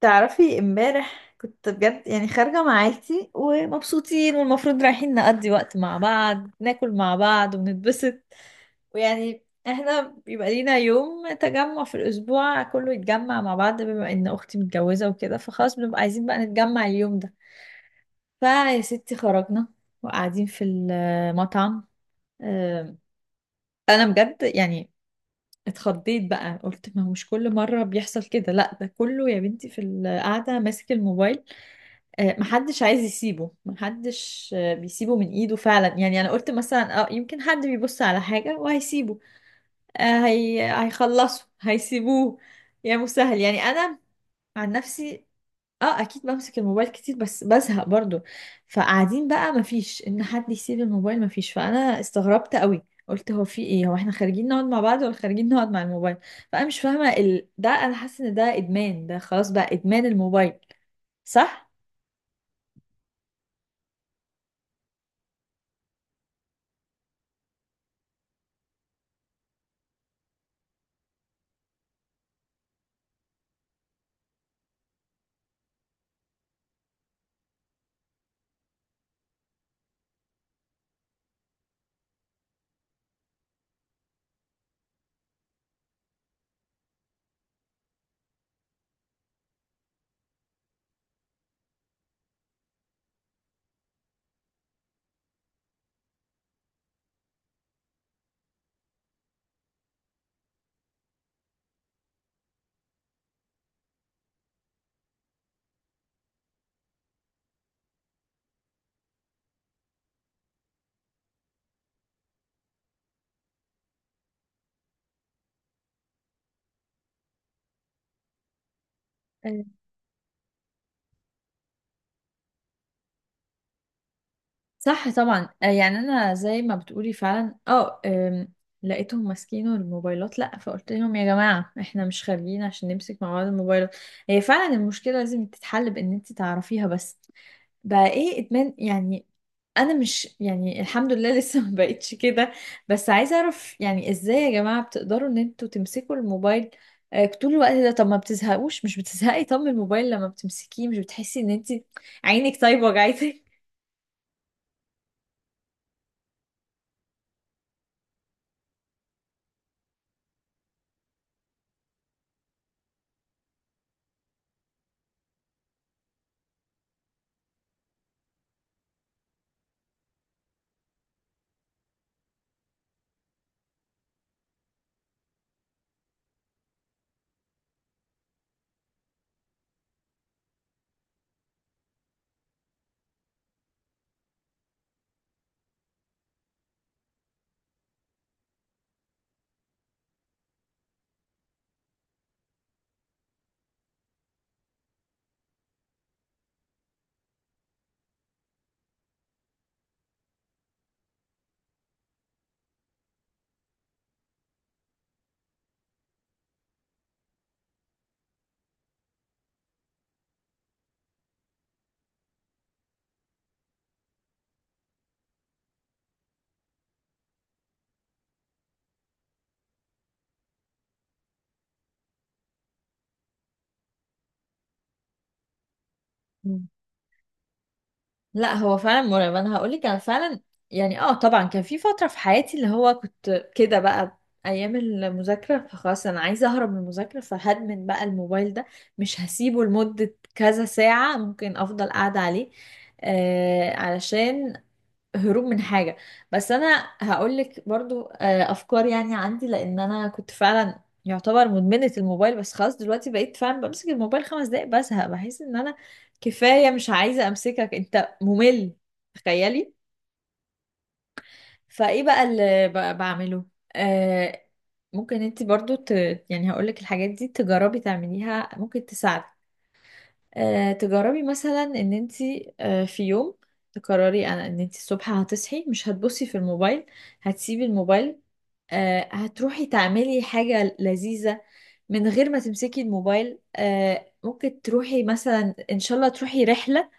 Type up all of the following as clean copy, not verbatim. تعرفي امبارح كنت بجد، يعني خارجة مع عيلتي ومبسوطين، والمفروض رايحين نقضي وقت مع بعض، ناكل مع بعض ونتبسط. ويعني احنا بيبقى لينا يوم تجمع في الأسبوع كله يتجمع مع بعض، بما إن أختي متجوزة وكده، فخلاص بنبقى عايزين بقى نتجمع اليوم ده. فيا ستي، خرجنا وقاعدين في المطعم. أم، أنا بجد يعني اتخضيت بقى، قلت ما هو مش كل مرة بيحصل كده، لا ده كله يا بنتي في القعدة ماسك الموبايل. محدش عايز يسيبه، محدش بيسيبه من ايده فعلا. يعني انا قلت مثلا يمكن حد بيبص على حاجة وهيسيبه. هيخلصه هيسيبوه. يا مسهل. يعني انا عن نفسي اه اكيد بمسك الموبايل كتير، بس بزهق برضو. فقاعدين بقى مفيش ان حد يسيب الموبايل، مفيش. فانا استغربت قوي، قلت هو في ايه؟ هو احنا خارجين نقعد مع بعض ولا خارجين نقعد مع الموبايل؟ فانا مش فاهمة. ده انا حاسة ان ده ادمان، ده خلاص بقى ادمان الموبايل. صح. صح طبعا يعني انا زي ما بتقولي فعلا لقيتهم ماسكينه الموبايلات، لا فقلت لهم يا جماعه احنا مش خارجين عشان نمسك مع بعض الموبايلات. هي فعلا المشكله لازم تتحل بان انت تعرفيها، بس بقى ايه ادمان يعني. انا مش يعني الحمد لله لسه ما بقتش كده. بس عايزه اعرف يعني ازاي يا جماعه بتقدروا ان انتوا تمسكوا الموبايل طول الوقت ده؟ طب ما بتزهقوش؟ مش بتزهقي طب من الموبايل؟ لما بتمسكيه مش بتحسي ان انت عينك طيب وجعتك؟ لا هو فعلا مرعب. انا هقول لك انا فعلا يعني طبعا كان في فتره في حياتي اللي هو كنت كده بقى، ايام المذاكره، فخلاص انا عايزه اهرب من المذاكره، فهدمن بقى الموبايل ده، مش هسيبه لمده كذا ساعه، ممكن افضل قاعده عليه. علشان هروب من حاجة. بس أنا هقولك برضو أفكار يعني عندي، لأن أنا كنت فعلا يعتبر مدمنة الموبايل، بس خلاص دلوقتي بقيت فعلا بمسك الموبايل خمس دقايق بزهق، بحس إن أنا كفاية، مش عايزة أمسكك، أنت ممل. تخيلي. فإيه بقى اللي بعمله؟ آه ممكن انت برضو يعني هقولك الحاجات دي تجربي تعمليها، ممكن تساعدك. تجربي مثلا ان انت في يوم تقرري انا ان انت الصبح هتصحي مش هتبصي في الموبايل، هتسيبي الموبايل. هتروحي تعملي حاجة لذيذة من غير ما تمسكي الموبايل. ممكن تروحي مثلا ان شاء الله تروحي رحلة،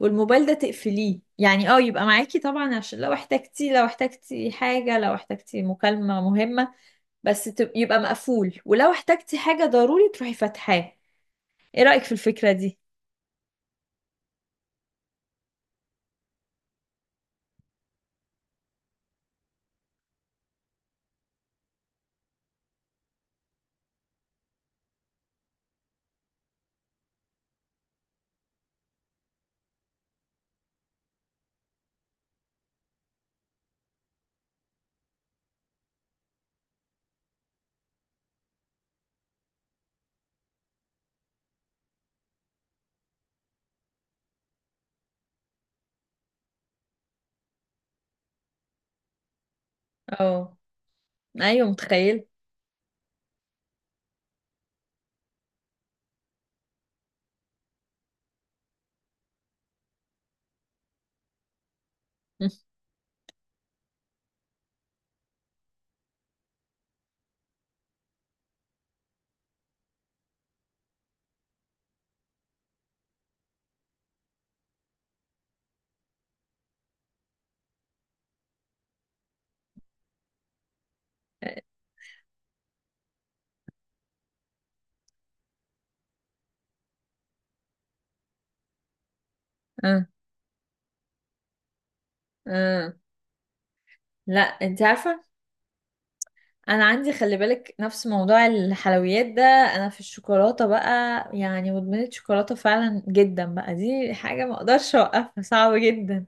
والموبايل ده تقفليه، يعني يبقى معاكي طبعا، عشان لو احتجتي، لو احتجتي حاجة، لو احتجتي مكالمة مهمة، بس يبقى مقفول، ولو احتجتي حاجة ضروري تروحي فاتحاه. ايه رأيك في الفكرة دي؟ اه ايوه، متخيل. اه. اه لا انت عارفه، انا عندي، خلي بالك، نفس موضوع الحلويات ده، انا في الشوكولاته بقى، يعني مدمنه شوكولاته فعلا جدا بقى. دي حاجه ما اقدرش اوقفها، صعبه جدا.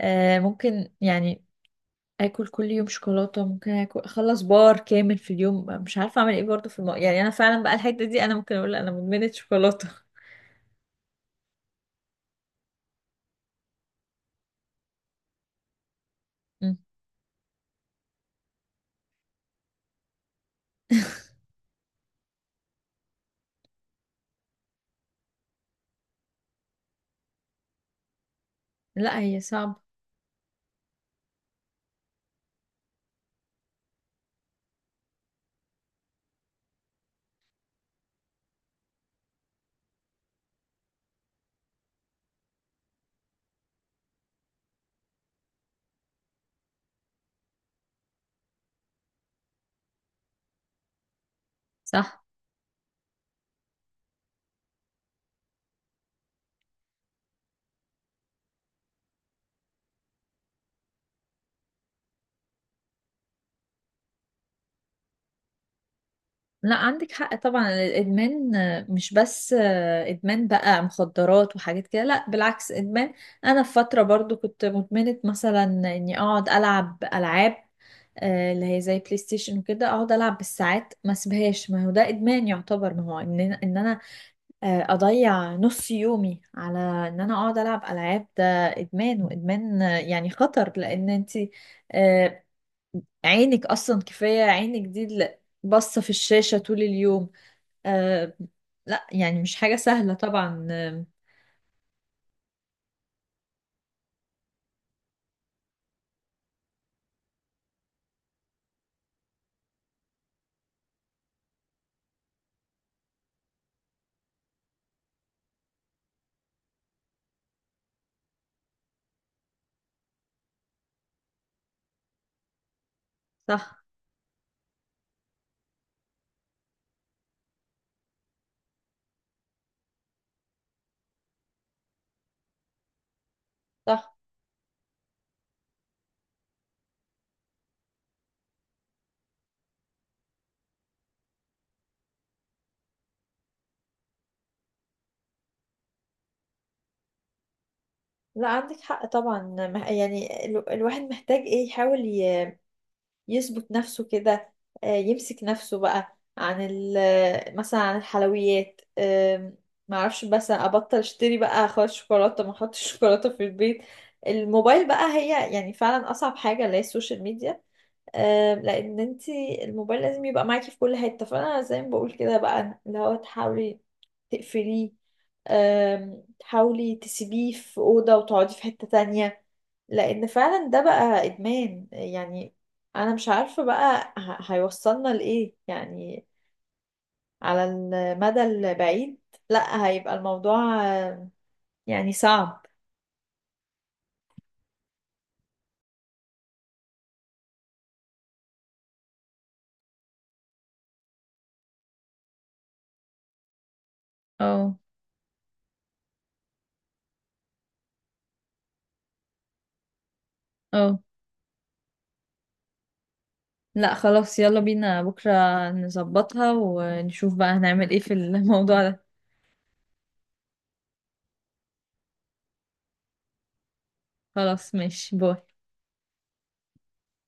آه ممكن يعني اكل كل يوم شوكولاته، ممكن اكل اخلص بار كامل في اليوم، مش عارفه اعمل ايه برضو في يعني انا فعلا بقى الحته دي انا ممكن اقول انا مدمنه شوكولاته. م. لا هي صعبه. صح. لا عندك حق طبعا، الادمان مش بس ادمان بقى مخدرات وحاجات كده، لا بالعكس ادمان. انا في فتره برضو كنت مدمنه مثلا اني اقعد العب العاب اللي هي زي بلاي ستيشن وكده اقعد العب بالساعات ما اسيبهاش. ما هو ده ادمان يعتبر، ما هو ان انا إن أنا، آه، اضيع نص يومي على ان انا اقعد العب العاب، ده ادمان. وادمان يعني خطر، لان انت آه، عينك اصلا كفايه، عينك دي اللي باصه في الشاشه طول اليوم آه لا يعني مش حاجة سهلة طبعا صح. صح. لا عندك حق طبعا. يعني الواحد محتاج ايه؟ يحاول يظبط نفسه كده. يمسك نفسه بقى عن مثلا عن الحلويات. معرفش، بس ابطل اشتري بقى خالص شوكولاتة، ما احطش شوكولاتة في البيت. الموبايل بقى، هي يعني فعلا اصعب حاجة، اللي هي السوشيال ميديا. لان انت الموبايل لازم يبقى معاكي في كل حته. فانا زي ما بقول كده بقى، اللي هو تحاولي تقفليه. تحاولي تسيبيه في اوضه وتقعدي في حته تانية. لان فعلا ده بقى ادمان. يعني انا مش عارفه بقى هيوصلنا لايه يعني على المدى البعيد. لا هيبقى الموضوع يعني صعب. اه. اه لا خلاص، يلا بينا بكرة نظبطها ونشوف بقى هنعمل ايه في الموضوع ده. خلاص، ماشي، باي.